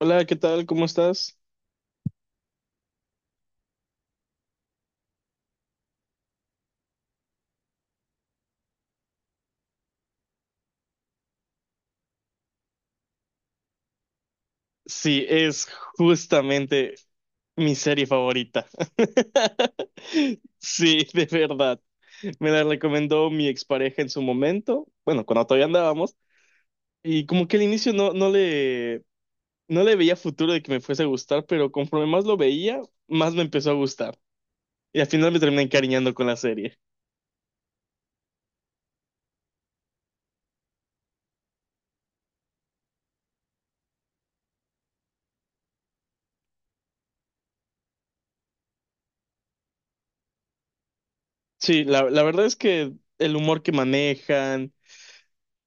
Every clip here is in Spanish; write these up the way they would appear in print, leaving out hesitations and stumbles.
Hola, ¿qué tal? ¿Cómo estás? Sí, es justamente mi serie favorita. Sí, de verdad. Me la recomendó mi expareja en su momento, bueno, cuando todavía andábamos, y como que al inicio no le no le veía futuro de que me fuese a gustar, pero conforme más lo veía, más me empezó a gustar. Y al final me terminé encariñando con la serie. Sí, la verdad es que el humor que manejan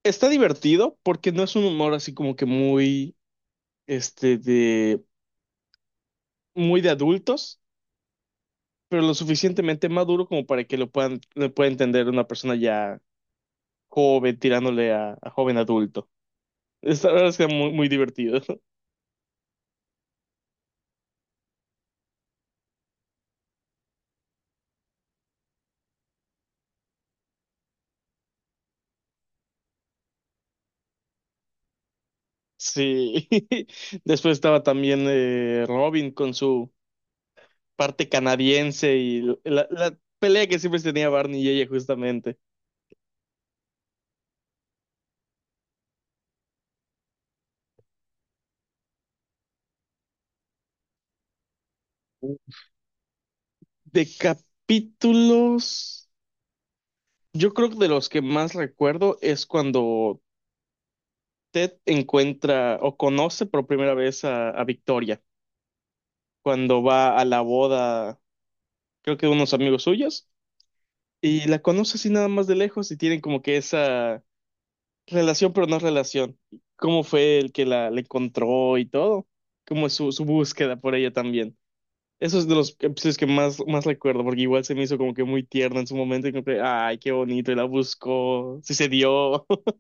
está divertido porque no es un humor así como que muy de muy de adultos, pero lo suficientemente maduro como para que lo pueda entender una persona ya joven, tirándole a joven adulto. Esta la verdad es que era muy, muy divertido. Sí. Después estaba también Robin con su parte canadiense y la pelea que siempre tenía Barney y ella justamente. De capítulos, yo creo que de los que más recuerdo es cuando usted encuentra o conoce por primera vez a Victoria cuando va a la boda, creo que de unos amigos suyos, y la conoce así nada más de lejos y tienen como que esa relación, pero no relación. ¿Cómo fue el que la encontró y todo? ¿Cómo es su búsqueda por ella también? Eso es de los episodios que más recuerdo, porque igual se me hizo como que muy tierno en su momento y como que, ay, qué bonito, y la buscó, sí se dio.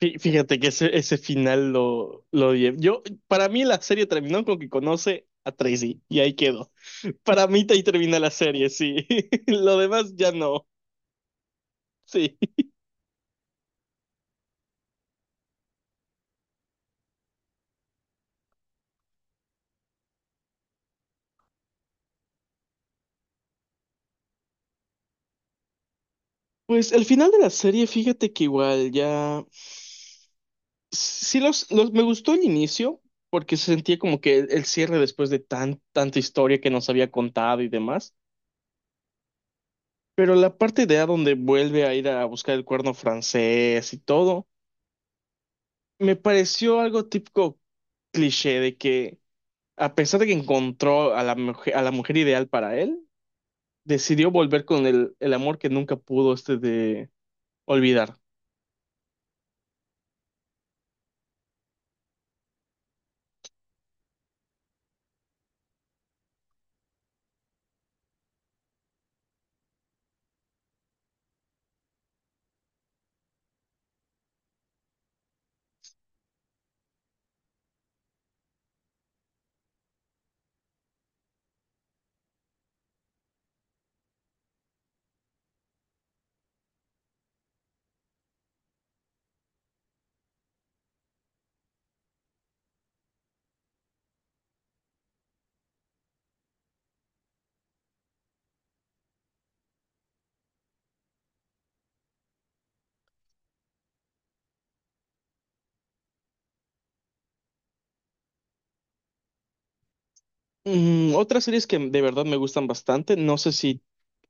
Fíjate que ese final lo odié. Yo, para mí la serie terminó con que conoce a Tracy y ahí quedó. Para mí ahí termina la serie, sí. Lo demás ya no. Sí. Pues el final de la serie, fíjate que igual... ya... Sí, me gustó el inicio porque se sentía como que el cierre después de tanta historia que nos había contado y demás. Pero la parte de A donde vuelve a ir a buscar el cuerno francés y todo, me pareció algo típico cliché de que... A pesar de que encontró a a la mujer ideal para él, decidió volver con el amor que nunca pudo este de olvidar. Otras series que de verdad me gustan bastante, no sé si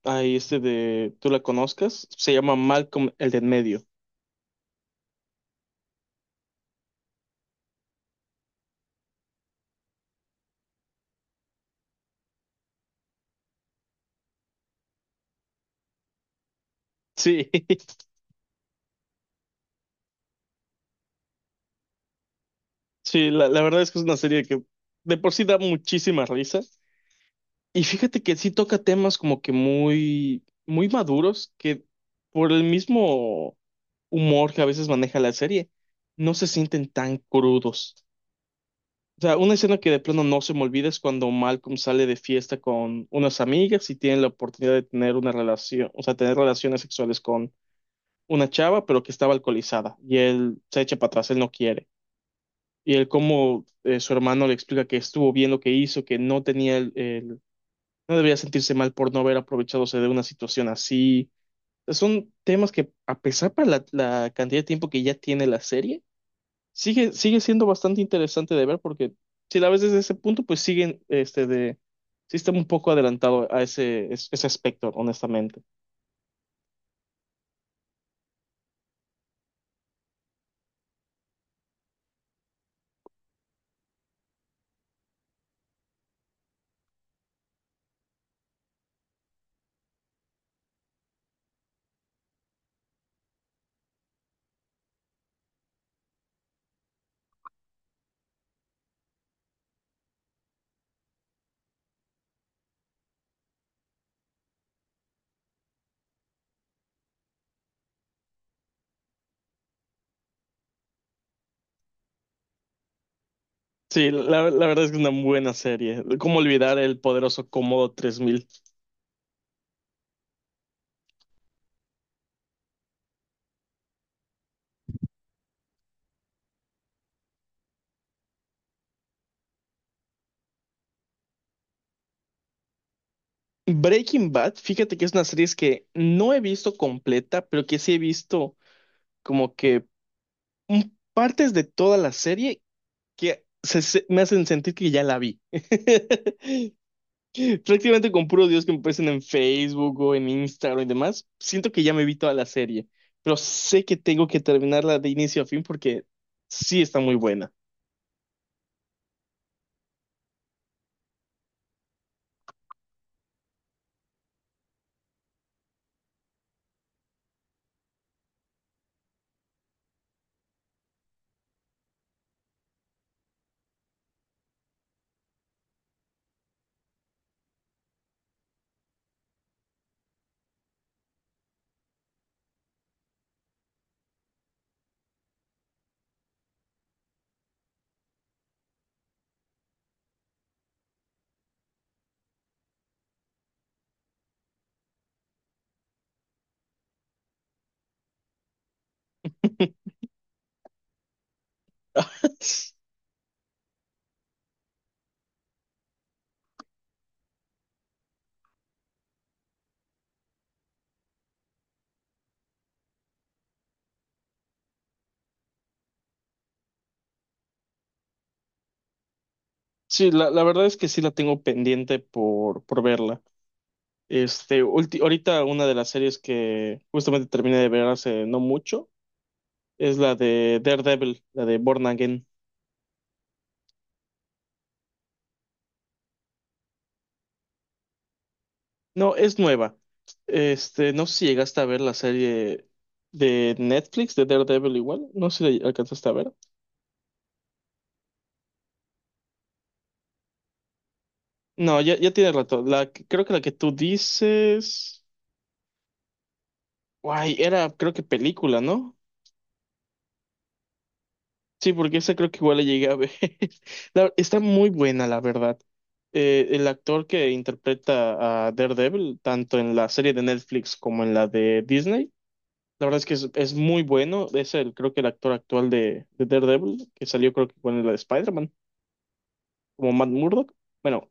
hay este de tú la conozcas, se llama Malcolm el de en medio. Sí, sí, la verdad es que es una serie que de por sí da muchísima risa. Y fíjate que sí toca temas como que muy, muy maduros, que por el mismo humor que a veces maneja la serie, no se sienten tan crudos. O sea, una escena que de plano no se me olvida es cuando Malcolm sale de fiesta con unas amigas y tiene la oportunidad de tener una relación, o sea, tener relaciones sexuales con una chava, pero que estaba alcoholizada y él se echa para atrás, él no quiere. Y él como su hermano le explica que estuvo bien lo que hizo, que no tenía no debía sentirse mal por no haber aprovechadose de una situación así. Son temas que, a pesar para la cantidad de tiempo que ya tiene la serie, sigue siendo bastante interesante de ver porque si la ves desde ese punto, sí está un poco adelantado a ese aspecto, honestamente. Sí, la verdad es que es una buena serie. ¿Cómo olvidar el poderoso Comodo 3000? Breaking Bad, fíjate que es una serie que no he visto completa, pero que sí he visto como que partes de toda la serie que me hacen sentir que ya la vi. Prácticamente con puros dios que me aparecen en Facebook o en Instagram y demás, siento que ya me vi toda la serie, pero sé que tengo que terminarla de inicio a fin porque sí está muy buena. Sí, la verdad es que sí la tengo pendiente por verla. Ahorita una de las series que justamente terminé de ver hace no mucho es la de Daredevil, la de Born Again. No, es nueva. Este, no sé si llegaste a ver la serie de Netflix de Daredevil igual. No sé si la alcanzaste a ver. No, ya tiene rato. Creo que la que tú dices. Guay, era, creo que película, ¿no? Sí, porque esa creo que igual la llegué a ver. Está muy buena, la verdad. El actor que interpreta a Daredevil, tanto en la serie de Netflix como en la de Disney. La verdad es que es muy bueno. Es el, creo que el actor actual de Daredevil, que salió creo que con la de Spider-Man, como Matt Murdock. Bueno,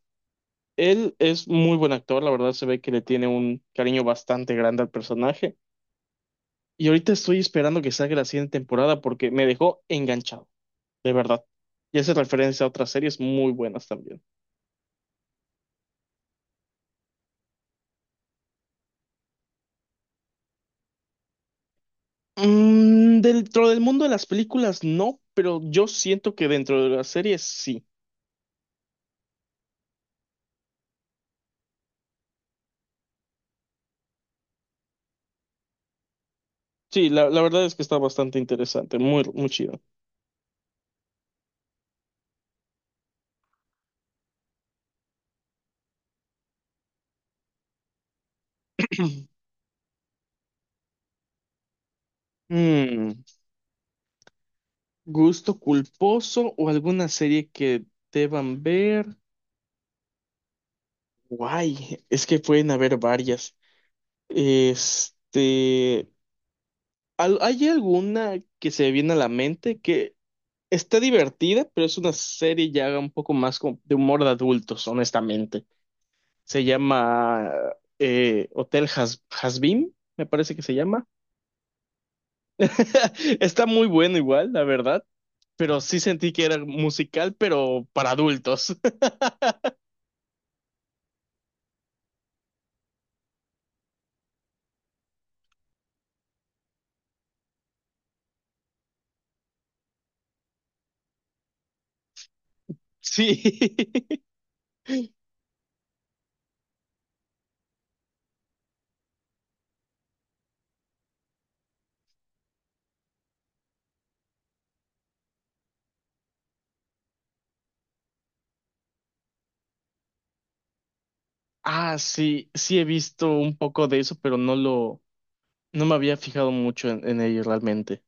él es muy buen actor, la verdad se ve que le tiene un cariño bastante grande al personaje. Y ahorita estoy esperando que salga la siguiente temporada porque me dejó enganchado, de verdad. Y hace referencia a otras series muy buenas también. Dentro del mundo de las películas no, pero yo siento que dentro de las series sí. Sí, la verdad es que está bastante interesante, muy, muy chido. Mm. ¿Gusto culposo o alguna serie que deban ver? Guay, es que pueden haber varias. Este, ¿Hay alguna que se viene a la mente que está divertida, pero es una serie ya un poco más como de humor de adultos, honestamente? Se llama Hotel Has Hazbin, me parece que se llama. Está muy bueno igual, la verdad, pero sí sentí que era musical, pero para adultos. Sí. Ah, sí, sí he visto un poco de eso, pero no me había fijado mucho en ello realmente.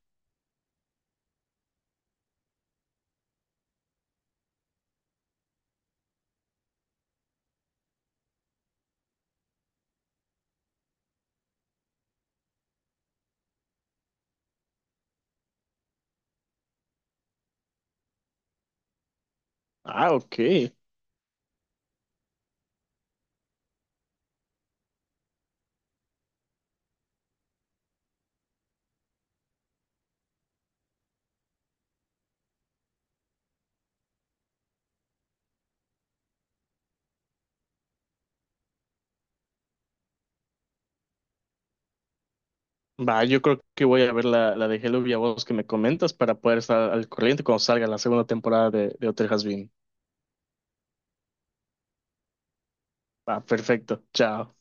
Ah, ok. Va, yo creo que voy a ver la de Hello Villalobos que me comentas para poder estar al corriente cuando salga la segunda temporada de Hotel has Been. Va, perfecto. Chao.